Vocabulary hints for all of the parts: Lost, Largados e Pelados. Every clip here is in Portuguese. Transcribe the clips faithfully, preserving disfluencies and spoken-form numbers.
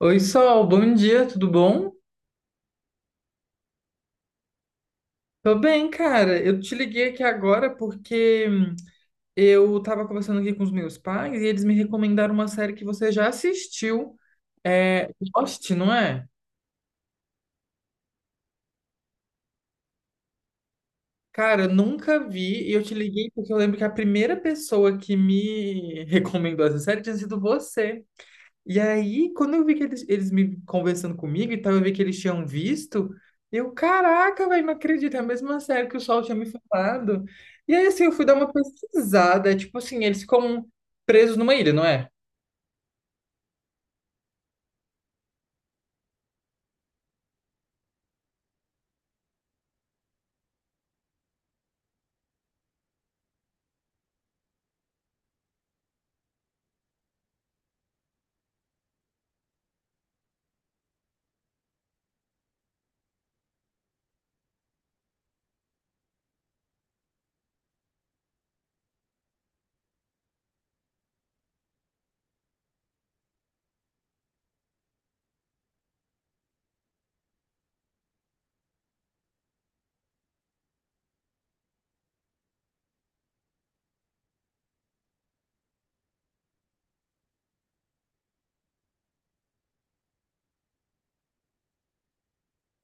Oi, Sol, bom dia, tudo bom? Tô bem, cara. Eu te liguei aqui agora porque hum, eu tava conversando aqui com os meus pais e eles me recomendaram uma série que você já assistiu. É Lost, não é? Cara, eu nunca vi e eu te liguei porque eu lembro que a primeira pessoa que me recomendou essa série tinha sido você. E aí, quando eu vi que eles, eles me conversando comigo e tal, eu vi que eles tinham visto, eu, caraca, velho, não acredito, é a mesma série que o Sol tinha me falado. E aí, assim, eu fui dar uma pesquisada, é tipo assim, eles ficam presos numa ilha, não é?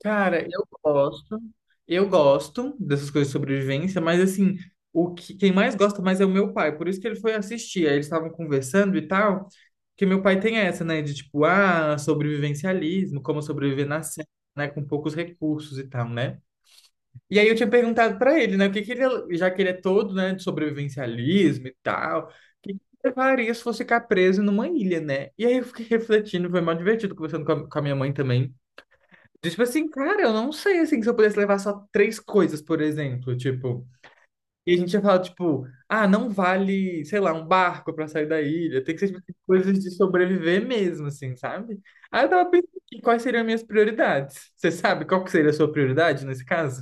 Cara, eu gosto, eu gosto dessas coisas de sobrevivência, mas assim, o que, quem mais gosta mais é o meu pai, por isso que ele foi assistir, aí eles estavam conversando e tal, porque meu pai tem essa, né, de tipo, ah, sobrevivencialismo, como sobreviver na selva, né, com poucos recursos e tal, né? E aí eu tinha perguntado pra ele, né, o que que ele, já que ele é todo, né, de sobrevivencialismo e tal, o que que ele faria se fosse ficar preso numa ilha, né? E aí eu fiquei refletindo, foi mó divertido conversando com a, com a minha mãe também. E, tipo assim, cara, eu não sei, assim, se eu pudesse levar só três coisas, por exemplo, tipo... E a gente ia falar, tipo, ah, não vale, sei lá, um barco pra sair da ilha, tem que ser tipo, coisas de sobreviver mesmo, assim, sabe? Aí eu tava pensando, em quais seriam as minhas prioridades? Você sabe qual que seria a sua prioridade nesse caso?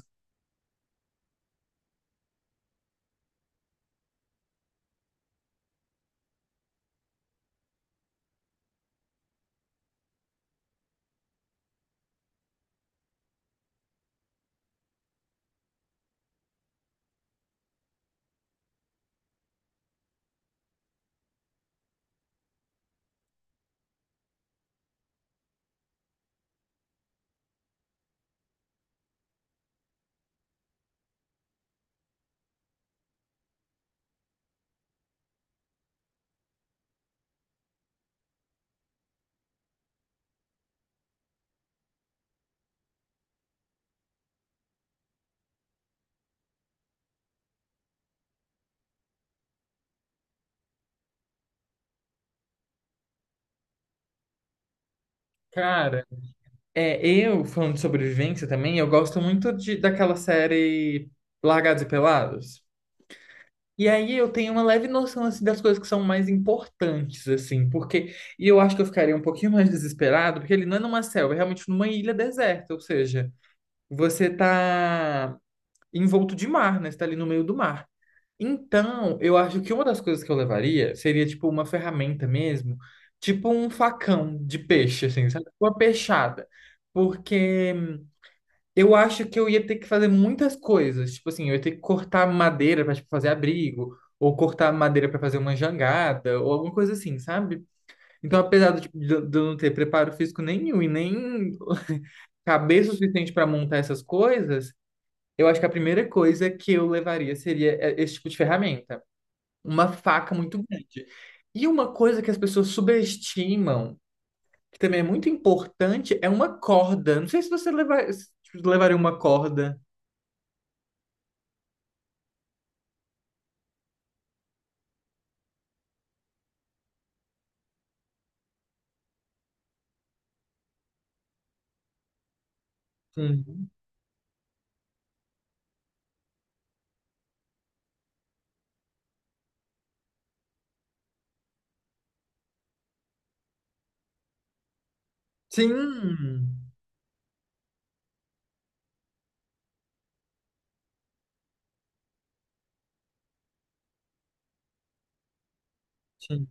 Cara... É, eu, falando de sobrevivência também, eu gosto muito de, daquela série Largados e Pelados. E aí eu tenho uma leve noção, assim, das coisas que são mais importantes, assim, porque... E eu acho que eu ficaria um pouquinho mais desesperado, porque ele não é numa selva, é realmente numa ilha deserta, ou seja, você tá envolto de mar, né? Você tá ali no meio do mar. Então, eu acho que uma das coisas que eu levaria seria, tipo, uma ferramenta mesmo, tipo um facão de peixe, assim, sabe? Tipo uma peixada. Porque... eu acho que eu ia ter que fazer muitas coisas. Tipo assim, eu ia ter que cortar madeira para fazer abrigo, ou cortar madeira para fazer uma jangada, ou alguma coisa assim, sabe? Então, apesar do, tipo, de eu de eu não ter preparo físico nenhum e nem cabeça suficiente para montar essas coisas, eu acho que a primeira coisa que eu levaria seria é, esse tipo de ferramenta, uma faca muito grande. E uma coisa que as pessoas subestimam, que também é muito importante, é uma corda. Não sei se você levar, se tipo, levaria uma corda. Sim. Sim. Sim.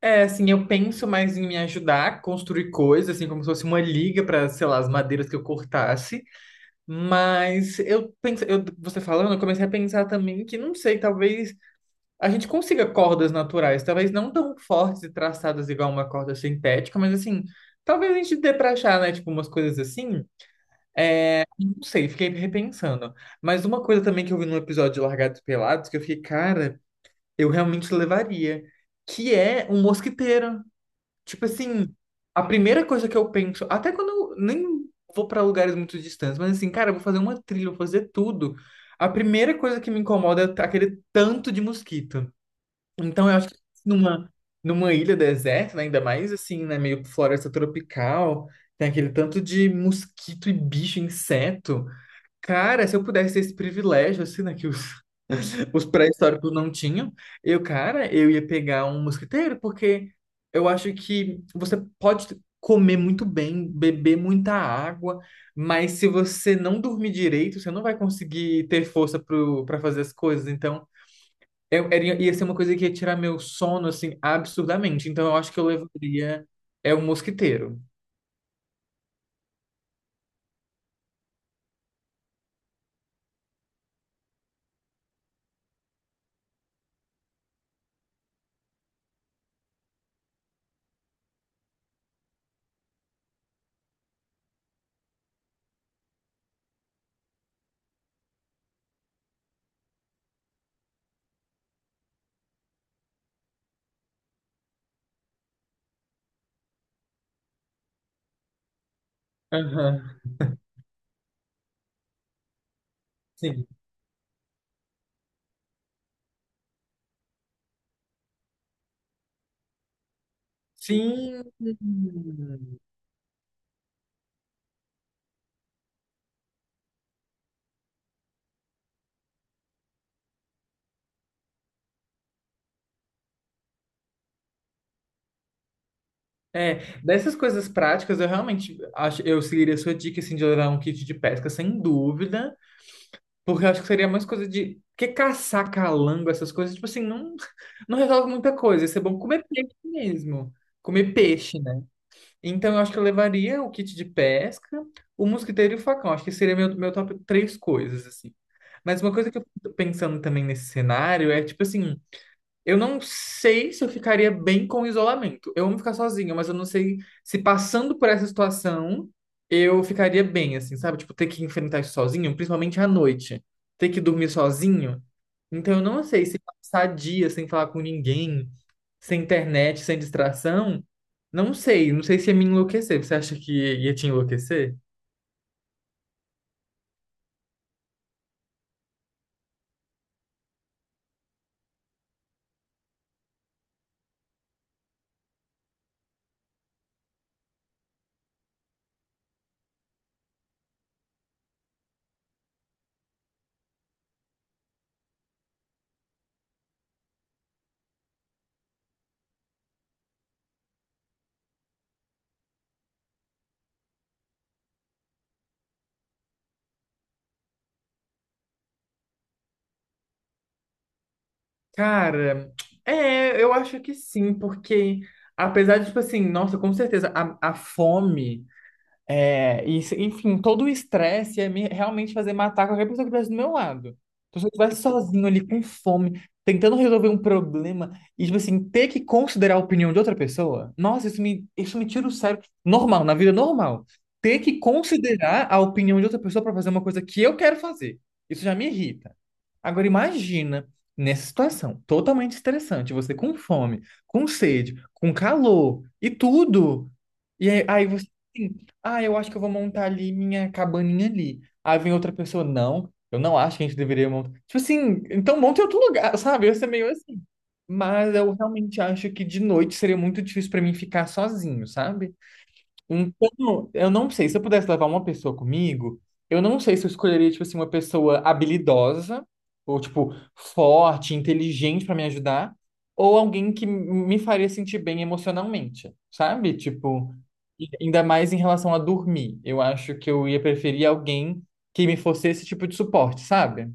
É, assim, eu penso mais em me ajudar a construir coisas, assim, como se fosse uma liga para, sei lá, as madeiras que eu cortasse. Mas eu penso, eu, você falando, eu comecei a pensar também que, não sei, talvez a gente consiga cordas naturais, talvez não tão fortes e traçadas igual uma corda sintética, mas assim, talvez a gente dê pra achar, né, tipo, umas coisas assim. Não sei, fiquei repensando. Mas uma coisa também que eu vi no episódio de Largados e Pelados, que eu fiquei, cara. Eu realmente levaria, que é um mosquiteiro. Tipo assim, a primeira coisa que eu penso, até quando eu nem vou para lugares muito distantes, mas assim, cara, eu vou fazer uma trilha, eu vou fazer tudo. A primeira coisa que me incomoda é aquele tanto de mosquito. Então, eu acho que numa, numa ilha deserta, né, ainda mais assim, né, meio floresta tropical, tem aquele tanto de mosquito e bicho, inseto. Cara, se eu pudesse ter esse privilégio, assim, né, que o os pré-históricos não tinham. Eu, cara, eu ia pegar um mosquiteiro, porque eu acho que você pode comer muito bem, beber muita água, mas se você não dormir direito, você não vai conseguir ter força para fazer as coisas. Então, eu, era- ia ser uma coisa que ia tirar meu sono, assim, absurdamente. Então, eu acho que eu levaria é um mosquiteiro. Aham. Sim. Sim. É, dessas coisas práticas, eu realmente acho, eu seguiria a sua dica, assim, de levar um kit de pesca, sem dúvida, porque eu acho que seria mais coisa de, porque caçar calango, essas coisas, tipo assim, não, não resolve muita coisa, isso é bom comer peixe mesmo, comer peixe, né? Então, eu acho que eu levaria o kit de pesca, o mosquiteiro e o facão, acho que seria meu, meu top três coisas, assim. Mas uma coisa que eu tô pensando também nesse cenário é, tipo assim, eu não sei se eu ficaria bem com o isolamento. Eu amo ficar sozinho, mas eu não sei se passando por essa situação eu ficaria bem, assim, sabe? Tipo, ter que enfrentar isso sozinho, principalmente à noite. Ter que dormir sozinho. Então, eu não sei se passar dia sem falar com ninguém, sem internet, sem distração. Não sei. Não sei se ia me enlouquecer. Você acha que ia te enlouquecer? Cara, é, eu acho que sim, porque apesar de, tipo assim, nossa, com certeza, a, a fome. É, e, se- enfim, todo o estresse ia me realmente fazer matar qualquer pessoa que estivesse do meu lado. Então, se eu estivesse sozinho ali com fome, tentando resolver um problema, e, tipo assim, ter que considerar a opinião de outra pessoa, nossa, isso me, isso me tira o sério. Normal, na vida normal. Ter que considerar a opinião de outra pessoa para fazer uma coisa que eu quero fazer. Isso já me irrita. Agora, imagina nessa situação, totalmente estressante, você com fome, com sede, com calor e tudo. E aí, aí você. Assim, ah, eu acho que eu vou montar ali minha cabaninha ali. Aí vem outra pessoa, não, eu não acho que a gente deveria montar. Tipo assim, então monte em outro lugar, sabe? Eu sou meio assim. Mas eu realmente acho que de noite seria muito difícil pra mim ficar sozinho, sabe? Então, eu não sei, se eu pudesse levar uma pessoa comigo, eu não sei se eu escolheria, tipo assim, uma pessoa habilidosa, ou, tipo, forte, inteligente pra me ajudar, ou alguém que me faria sentir bem emocionalmente, sabe? Tipo, e ainda mais em relação a dormir. Eu acho que eu ia preferir alguém que me fosse esse tipo de suporte, sabe?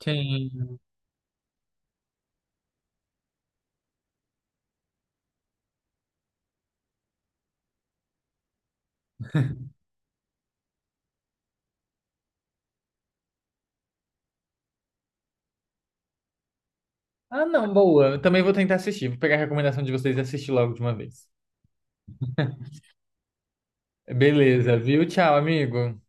Sim. Ah, não, boa. Eu também vou tentar assistir. Vou pegar a recomendação de vocês e assistir logo de uma vez. Beleza, viu? Tchau, amigo.